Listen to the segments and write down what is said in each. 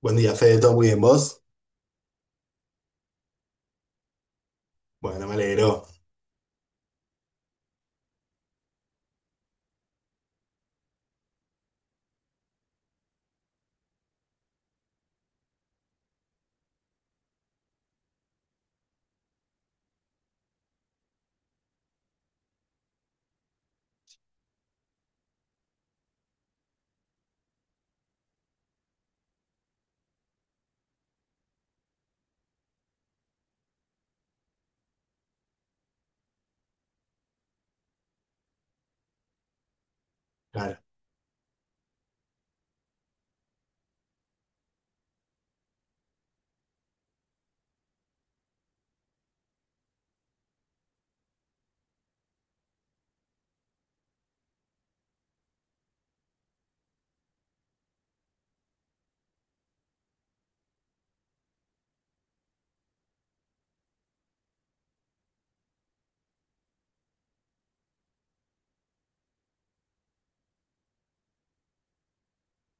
Buen día, Fede, todo muy bien, ¿vos? Bueno, me alegro. Claro,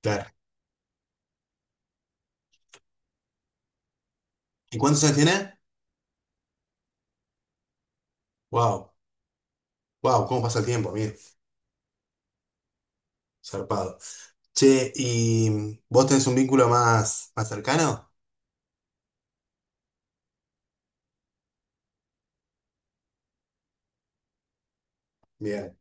claro. ¿Y cuántos años tenés? Wow, wow, ¿cómo pasa el tiempo, amigo? Zarpado. Che, ¿y vos tenés un vínculo más cercano? Bien.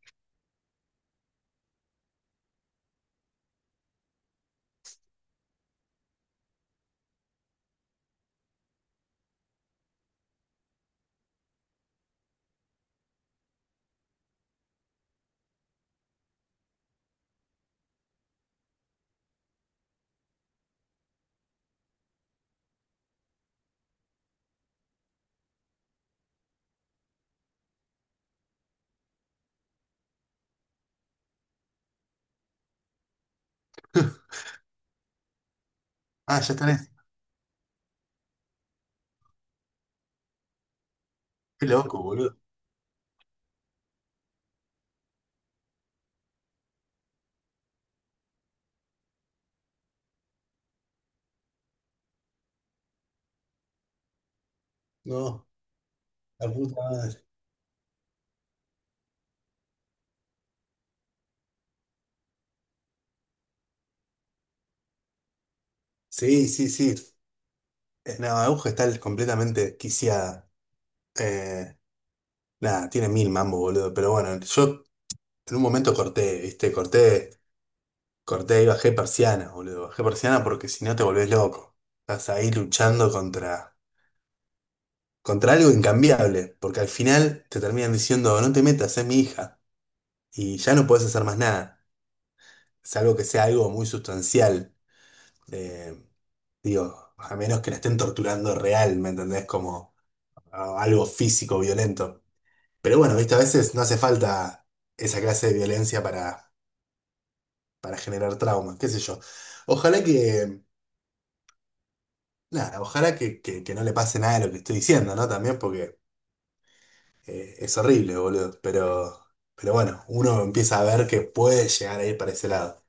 Ah, ya tenés. Qué loco, boludo. No, la puta madre. Sí, sí, sí. No, Aguja está completamente quiciada. Eh, nada, tiene mil mambo, boludo. Pero bueno, yo en un momento corté, ¿viste? Corté. Corté y bajé persiana, boludo. Bajé persiana porque si no te volvés loco. Estás ahí contra algo incambiable. Porque al final te terminan diciendo, no te metas, es mi hija. Y ya no podés hacer más nada. Salvo que sea algo muy sustancial. Eh, digo, a menos que la estén torturando real, ¿me entendés? Como algo físico, violento. Pero bueno, viste, a veces no hace falta esa clase de para generar trauma, qué sé yo. Ojalá que claro, ojalá que no le pase nada de lo que estoy diciendo, ¿no? También porque es horrible, boludo. Pero bueno, uno empieza a ver que puede llegar a ir para ese lado.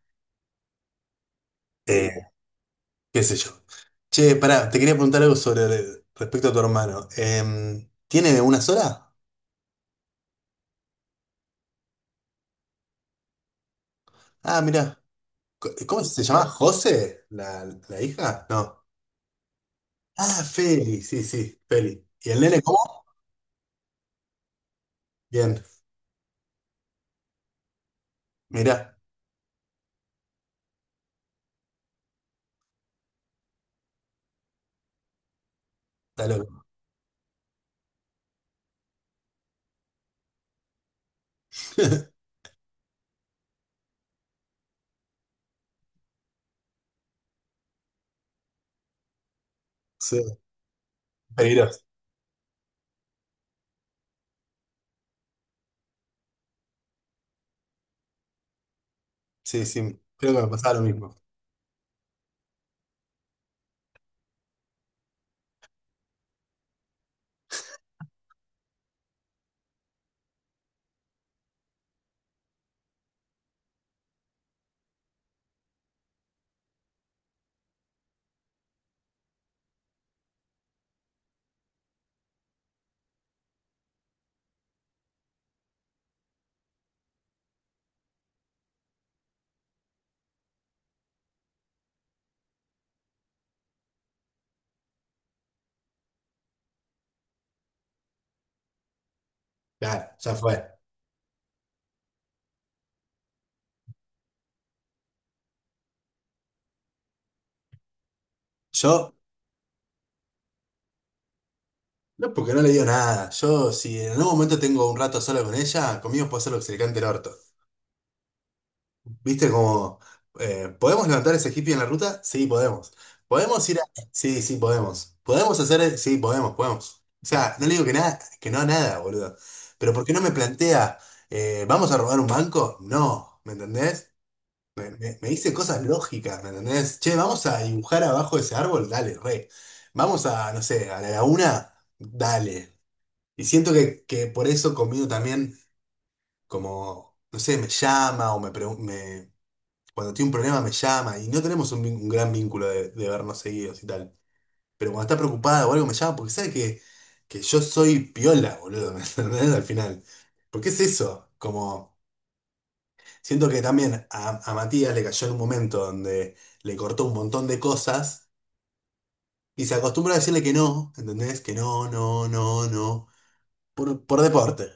Eh, qué sé yo. Che, pará, te quería preguntar algo sobre respecto a tu hermano. ¿Tiene una sola? Ah, mirá. ¿Cómo se llama? ¿José? ¿La hija? No. Ah, Feli, sí, sí, Feli. ¿Y el nene cómo? Bien, mirá, está loco. Sí, peligroso. Sí, sí, creo que me pasaba lo mismo. Claro, ya fue. Yo, no porque no le digo nada. Yo, si en algún momento tengo un rato solo con ella, conmigo puedo hacer lo que se le cante el orto. ¿Viste como, ¿podemos levantar ese hippie en la ruta? Sí, podemos. ¿Podemos ir a...? Sí, sí, podemos. ¿Podemos hacer...? Sí, podemos, podemos. O sea, no le digo que nada, que no a nada, boludo. Pero ¿por qué no me plantea, ¿vamos a robar un banco? No, ¿me entendés? Me, me dice cosas lógicas, ¿me entendés? Che, vamos a dibujar abajo de ese árbol, dale, re. Vamos a, no sé, a la laguna, dale. Y siento que por eso conmigo también, como, no sé, me llama o me, cuando tiene un problema me llama y no tenemos un gran vínculo de vernos seguidos y tal. Pero cuando está preocupada o algo me llama porque sabe que yo soy piola, boludo, ¿me entendés? Al final. Porque es eso, como. Siento que también a Matías le cayó en un momento donde le cortó un montón de cosas y se acostumbró a decirle que no, ¿entendés? Que no, no, no, no. Por deporte.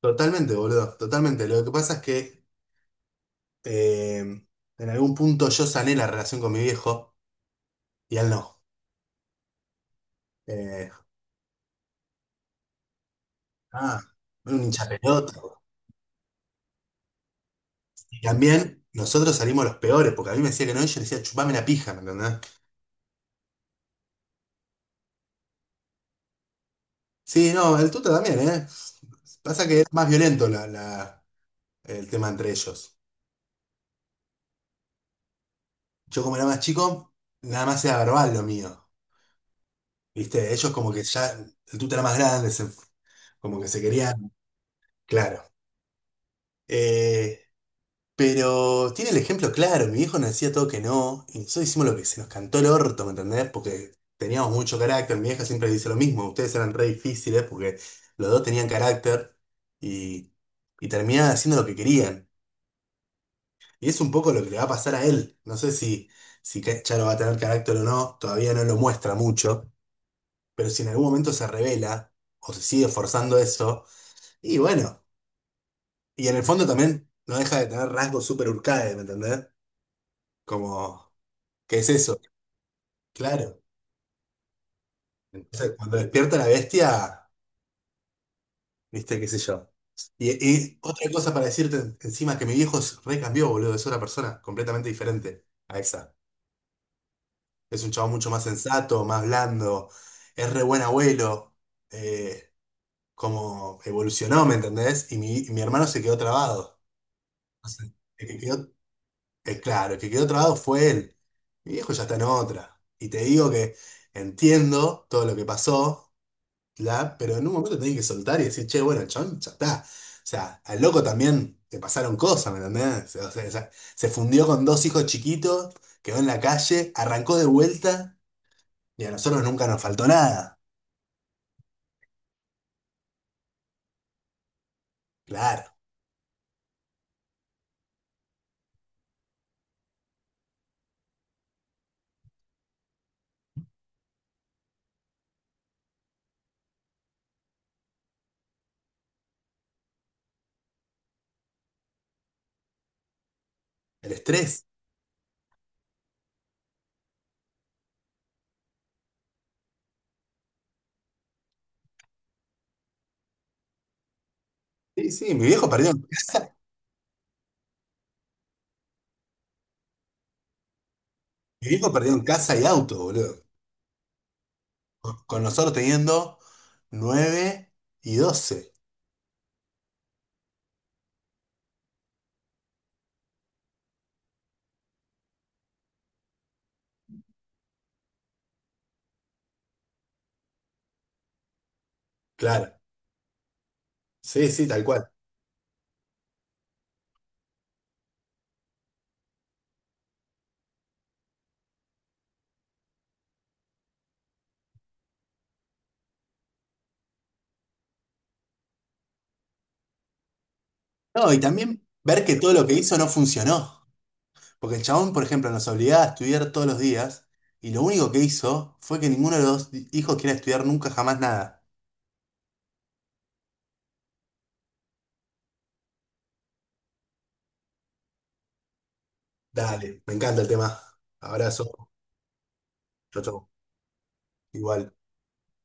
Totalmente, boludo. Totalmente. Lo que pasa es que eh, en algún punto yo sané la relación con mi viejo y él no. Eh, ah, era un hincha pelota. Y también nosotros salimos los peores, porque a mí me decía que no y yo le decía, chupame la pija, ¿me entendés? Sí, no, el tuta también, ¿eh? Pasa que es más violento el tema entre ellos. Yo como era más chico, nada más era verbal lo mío. ¿Viste? Ellos como que ya, el tuta era más grande, como que se querían, claro. Eh, pero tiene el ejemplo claro, mi viejo nos decía todo que no, y nosotros hicimos lo que se nos cantó el orto, ¿me entendés? Porque teníamos mucho carácter, mi vieja siempre dice lo mismo, ustedes eran re difíciles porque los dos tenían carácter y, y terminaban haciendo lo que querían. Y es un poco lo que le va a pasar a él. No sé si, si Charo va a tener carácter o no, todavía no lo muestra mucho, pero si en algún momento se revela o se sigue forzando eso, y bueno, y en el fondo también no deja de tener rasgos súper Urcae, ¿me entendés? Como, ¿qué es eso? Claro. Entonces, cuando despierta la bestia, viste, qué sé yo. Y, y otra cosa para decirte encima que mi viejo se recambió, boludo, es otra persona completamente diferente a esa. Es un chavo mucho más sensato, más blando, es re buen abuelo, eh, como evolucionó, ¿me entendés? Y mi hermano se quedó trabado. O sea, el que quedó, claro, el que quedó trabado fue él. Mi viejo ya está en otra. Y te digo que entiendo todo lo que pasó, la, pero en un momento tenés que soltar y decir, che, bueno, el chabón ya está. O sea, al loco también le pasaron cosas, ¿me entendés? O sea, se fundió con dos hijos chiquitos, quedó en la calle, arrancó de vuelta. Y a nosotros nunca nos faltó nada. Claro, el estrés. Sí, sí, mi viejo perdió en casa y auto, boludo. Con nosotros teniendo 9 y 12. Claro, sí, sí, tal cual. No, y también ver que todo lo que hizo no funcionó. Porque el chabón, por ejemplo, nos obligaba a estudiar todos los días y lo único que hizo fue que ninguno de los hijos quiera estudiar nunca jamás nada. Dale, me encanta el tema. Abrazo. Chau, chau. Igual.